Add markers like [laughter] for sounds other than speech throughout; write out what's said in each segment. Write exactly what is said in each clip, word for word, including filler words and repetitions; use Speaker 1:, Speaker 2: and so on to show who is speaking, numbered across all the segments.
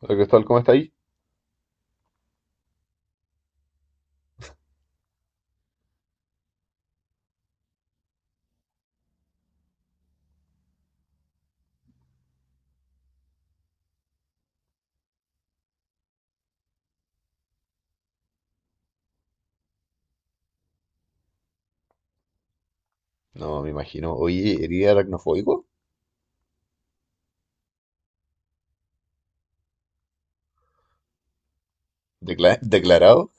Speaker 1: Hola Cristóbal, ¿cómo está ahí? No, me imagino. Oye, ¿eres aracnofóbico? Decla- ¿Declarado?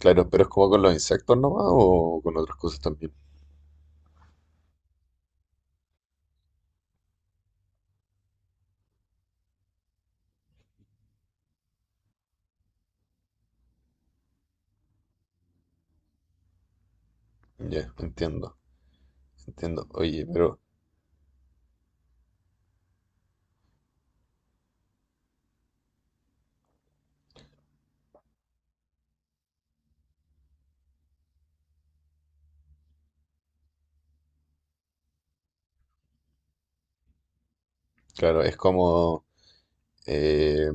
Speaker 1: Claro, pero es como con los insectos nomás o con otras cosas también. Ya, entiendo, entiendo. Oye, pero claro, es como eh,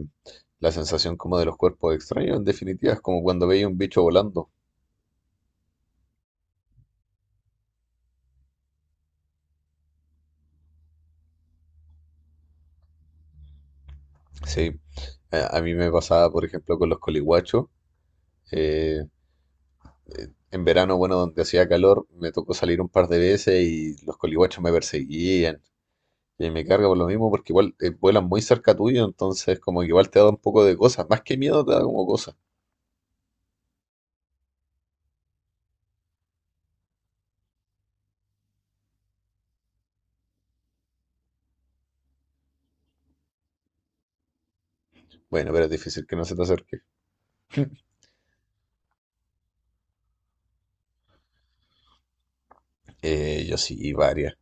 Speaker 1: la sensación como de los cuerpos extraños, en definitiva, es como cuando veía un bicho volando. Sí, a, a mí me pasaba, por ejemplo, con los coliguachos. eh, en verano, bueno, donde hacía calor, me tocó salir un par de veces y los coliguachos me perseguían. Y me carga por lo mismo porque igual eh, vuelan muy cerca tuyo, entonces como que igual te da un poco de cosas. Más que miedo te da como cosas. Bueno, pero es difícil que no se te acerque. Eh, yo sí, y varias.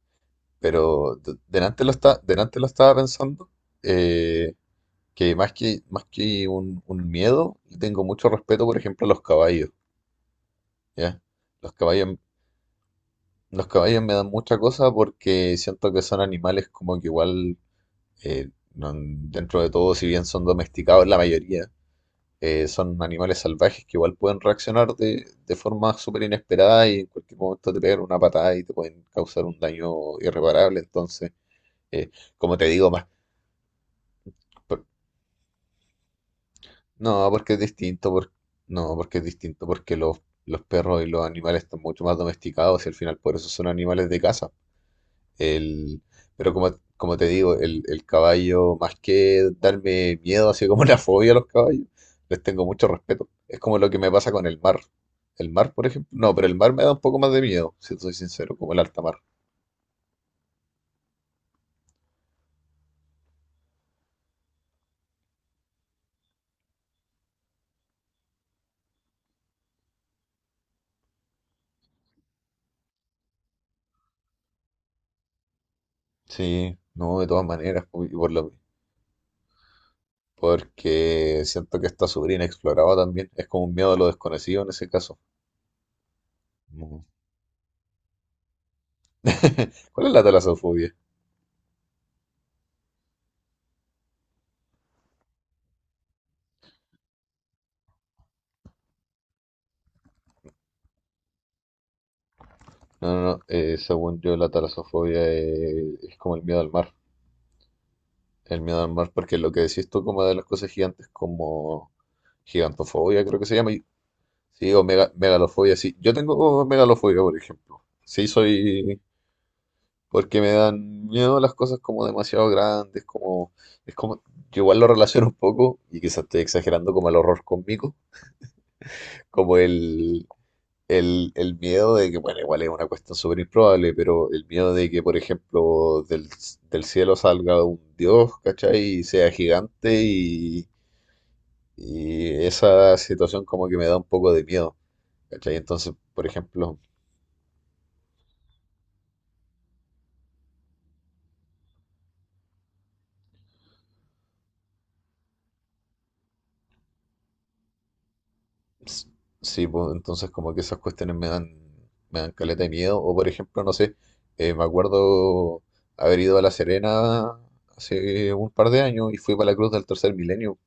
Speaker 1: Pero de- delante lo está, delante lo estaba pensando. eh, que más que, más que un, un miedo, le tengo mucho respeto, por ejemplo, a los caballos. ¿Ya? Los caballos, los caballos me dan mucha cosa porque siento que son animales como que igual, eh, no- dentro de todo, si bien son domesticados, la mayoría eh, son animales salvajes que igual pueden reaccionar de, de forma súper inesperada y en cualquier momento te pegan una patada y te pueden causar un daño irreparable. Entonces, eh, como te digo, más, por- no, porque es distinto, por- no, porque es distinto, porque los, los perros y los animales están mucho más domesticados y al final por eso son animales de casa. El, pero como, como te digo, el, el caballo, más que darme miedo, así como [laughs] una fobia a los caballos, les tengo mucho respeto. Es como lo que me pasa con el mar. El mar, por ejemplo. No, pero el mar me da un poco más de miedo, si soy sincero, como el alta mar. Sí, no, de todas maneras, po- y por lo, porque siento que está sobrina inexplorado también. Es como un miedo a lo desconocido en ese caso. Ujú. [laughs] ¿Cuál es la talasofobia? No, no, no, eh, según yo la talasofobia eh, es como el miedo al mar. El miedo al mar, porque lo que decís tú como de las cosas gigantes, como gigantofobia, creo que se llama. y- Sí, o mega- megalofobia, sí. Yo tengo megalofobia, por ejemplo. Sí, soy... Porque me dan miedo las cosas como demasiado grandes, como... Es como... Yo igual lo relaciono un poco, y quizás estoy exagerando como el horror cómico, como... El, El, el miedo de que, bueno, igual es una cuestión súper improbable, pero el miedo de que, por ejemplo, del, del cielo salga un dios, ¿cachai? Y sea gigante y... Y esa situación como que me da un poco de miedo, ¿cachai? Entonces, por ejemplo, s- sí, pues, entonces como que esas cuestiones me dan, me dan caleta de miedo. O por ejemplo, no sé, eh, me acuerdo haber ido a La Serena hace un par de años y fui para la Cruz del Tercer Milenio.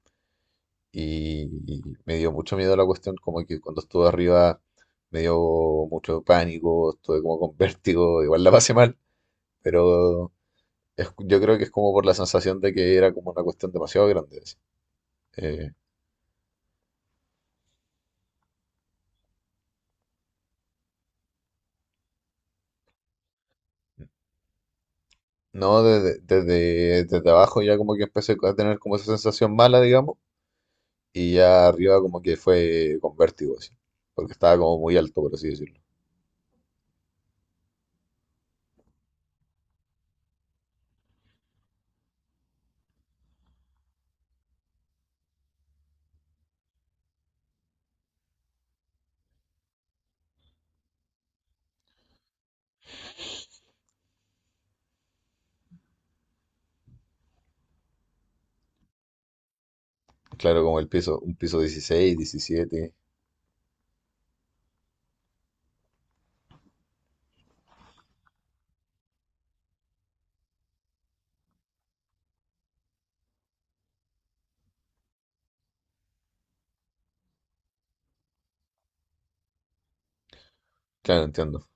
Speaker 1: Y, y me dio mucho miedo la cuestión, como que cuando estuve arriba me dio mucho pánico, estuve como con [laughs] vértigo, igual la pasé mal, pero... es- Yo creo que es como por la sensación de que era como una cuestión demasiado grande, así. Eh, no, desde, desde, desde abajo ya como que empecé a tener como esa sensación mala, digamos, y ya arriba como que fue con vértigo, así, porque estaba como muy alto, por así decirlo. Claro, como el piso, un piso dieciséis diecisiete. Claro, entiendo,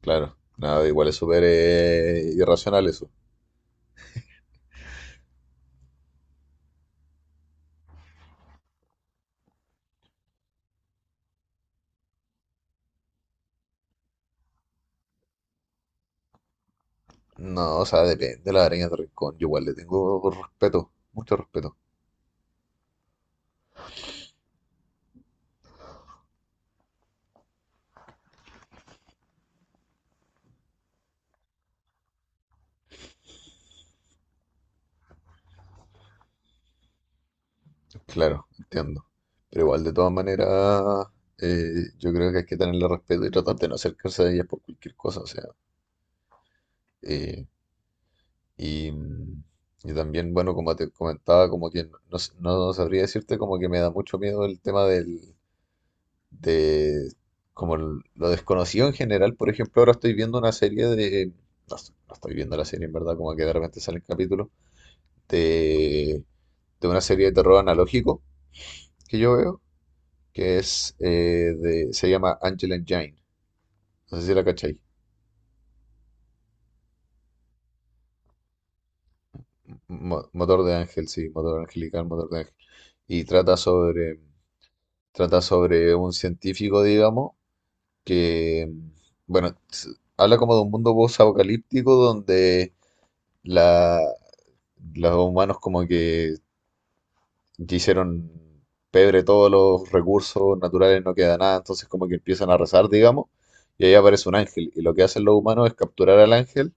Speaker 1: claro. Nada, igual es súper eh, irracional eso. No, o sea, depende de la araña de rincón, yo igual le tengo respeto, mucho respeto. Claro, entiendo. Pero igual, de todas maneras, eh, yo creo que hay que tenerle respeto y tratar de no acercarse a ellas por cualquier cosa, o sea. eh, y, mm, y también, bueno, como te comentaba, como que no, no s- no sabría decirte, como que me da mucho miedo el tema del, de, como el- lo desconocido en general. Por ejemplo, ahora estoy viendo una serie de, no, est- no estoy viendo la serie en verdad, como que de repente salen capítulos de, de una serie de terror analógico que yo veo, que es eh, de, se llama Angel Engine. No sé si la cachai. Mo- motor de ángel, sí, motor angelical, motor de ángel. Y trata sobre, trata sobre un científico, digamos, que, bueno, s- habla como de un mundo post-apocalíptico donde la, los humanos como que hicieron pebre todos los recursos naturales, no queda nada, entonces como que empiezan a rezar, digamos, y ahí aparece un ángel. Y lo que hacen los humanos es capturar al ángel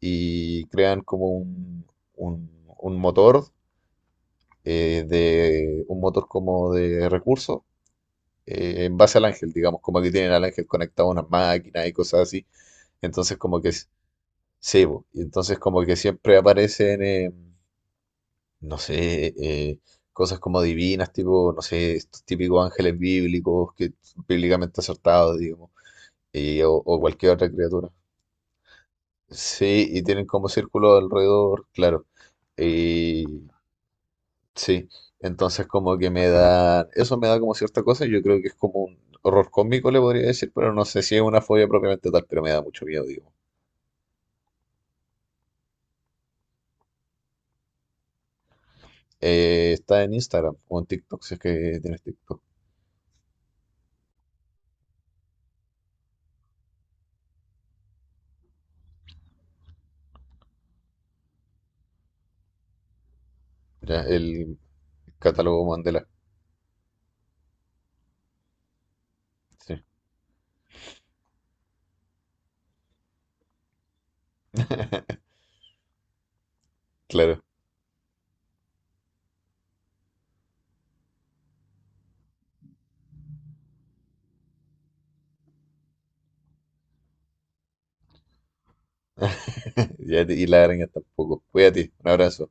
Speaker 1: y crean como un, un- un motor, eh, de, un motor como de recursos eh, en base al ángel, digamos, como que tienen al ángel conectado a unas máquinas y cosas así. Entonces como que s- sí, po, y entonces como que siempre aparecen, eh, no sé, eh, cosas como divinas, tipo, no sé, estos típicos ángeles bíblicos, que bíblicamente acertados, digamos, y- o, o cualquier otra criatura. Sí, y tienen como círculo alrededor, claro. Sí, entonces como que me da, eso me da como cierta cosa, yo creo que es como un horror cósmico, le podría decir, pero no sé si es una fobia propiamente tal, pero me da mucho miedo, digo. Eh, está en Instagram o en TikTok, si es que tienes TikTok. Ya, el catálogo Mandela. Sí, [laughs] claro. [laughs] Ya, y la araña tampoco. Cuídate, un abrazo.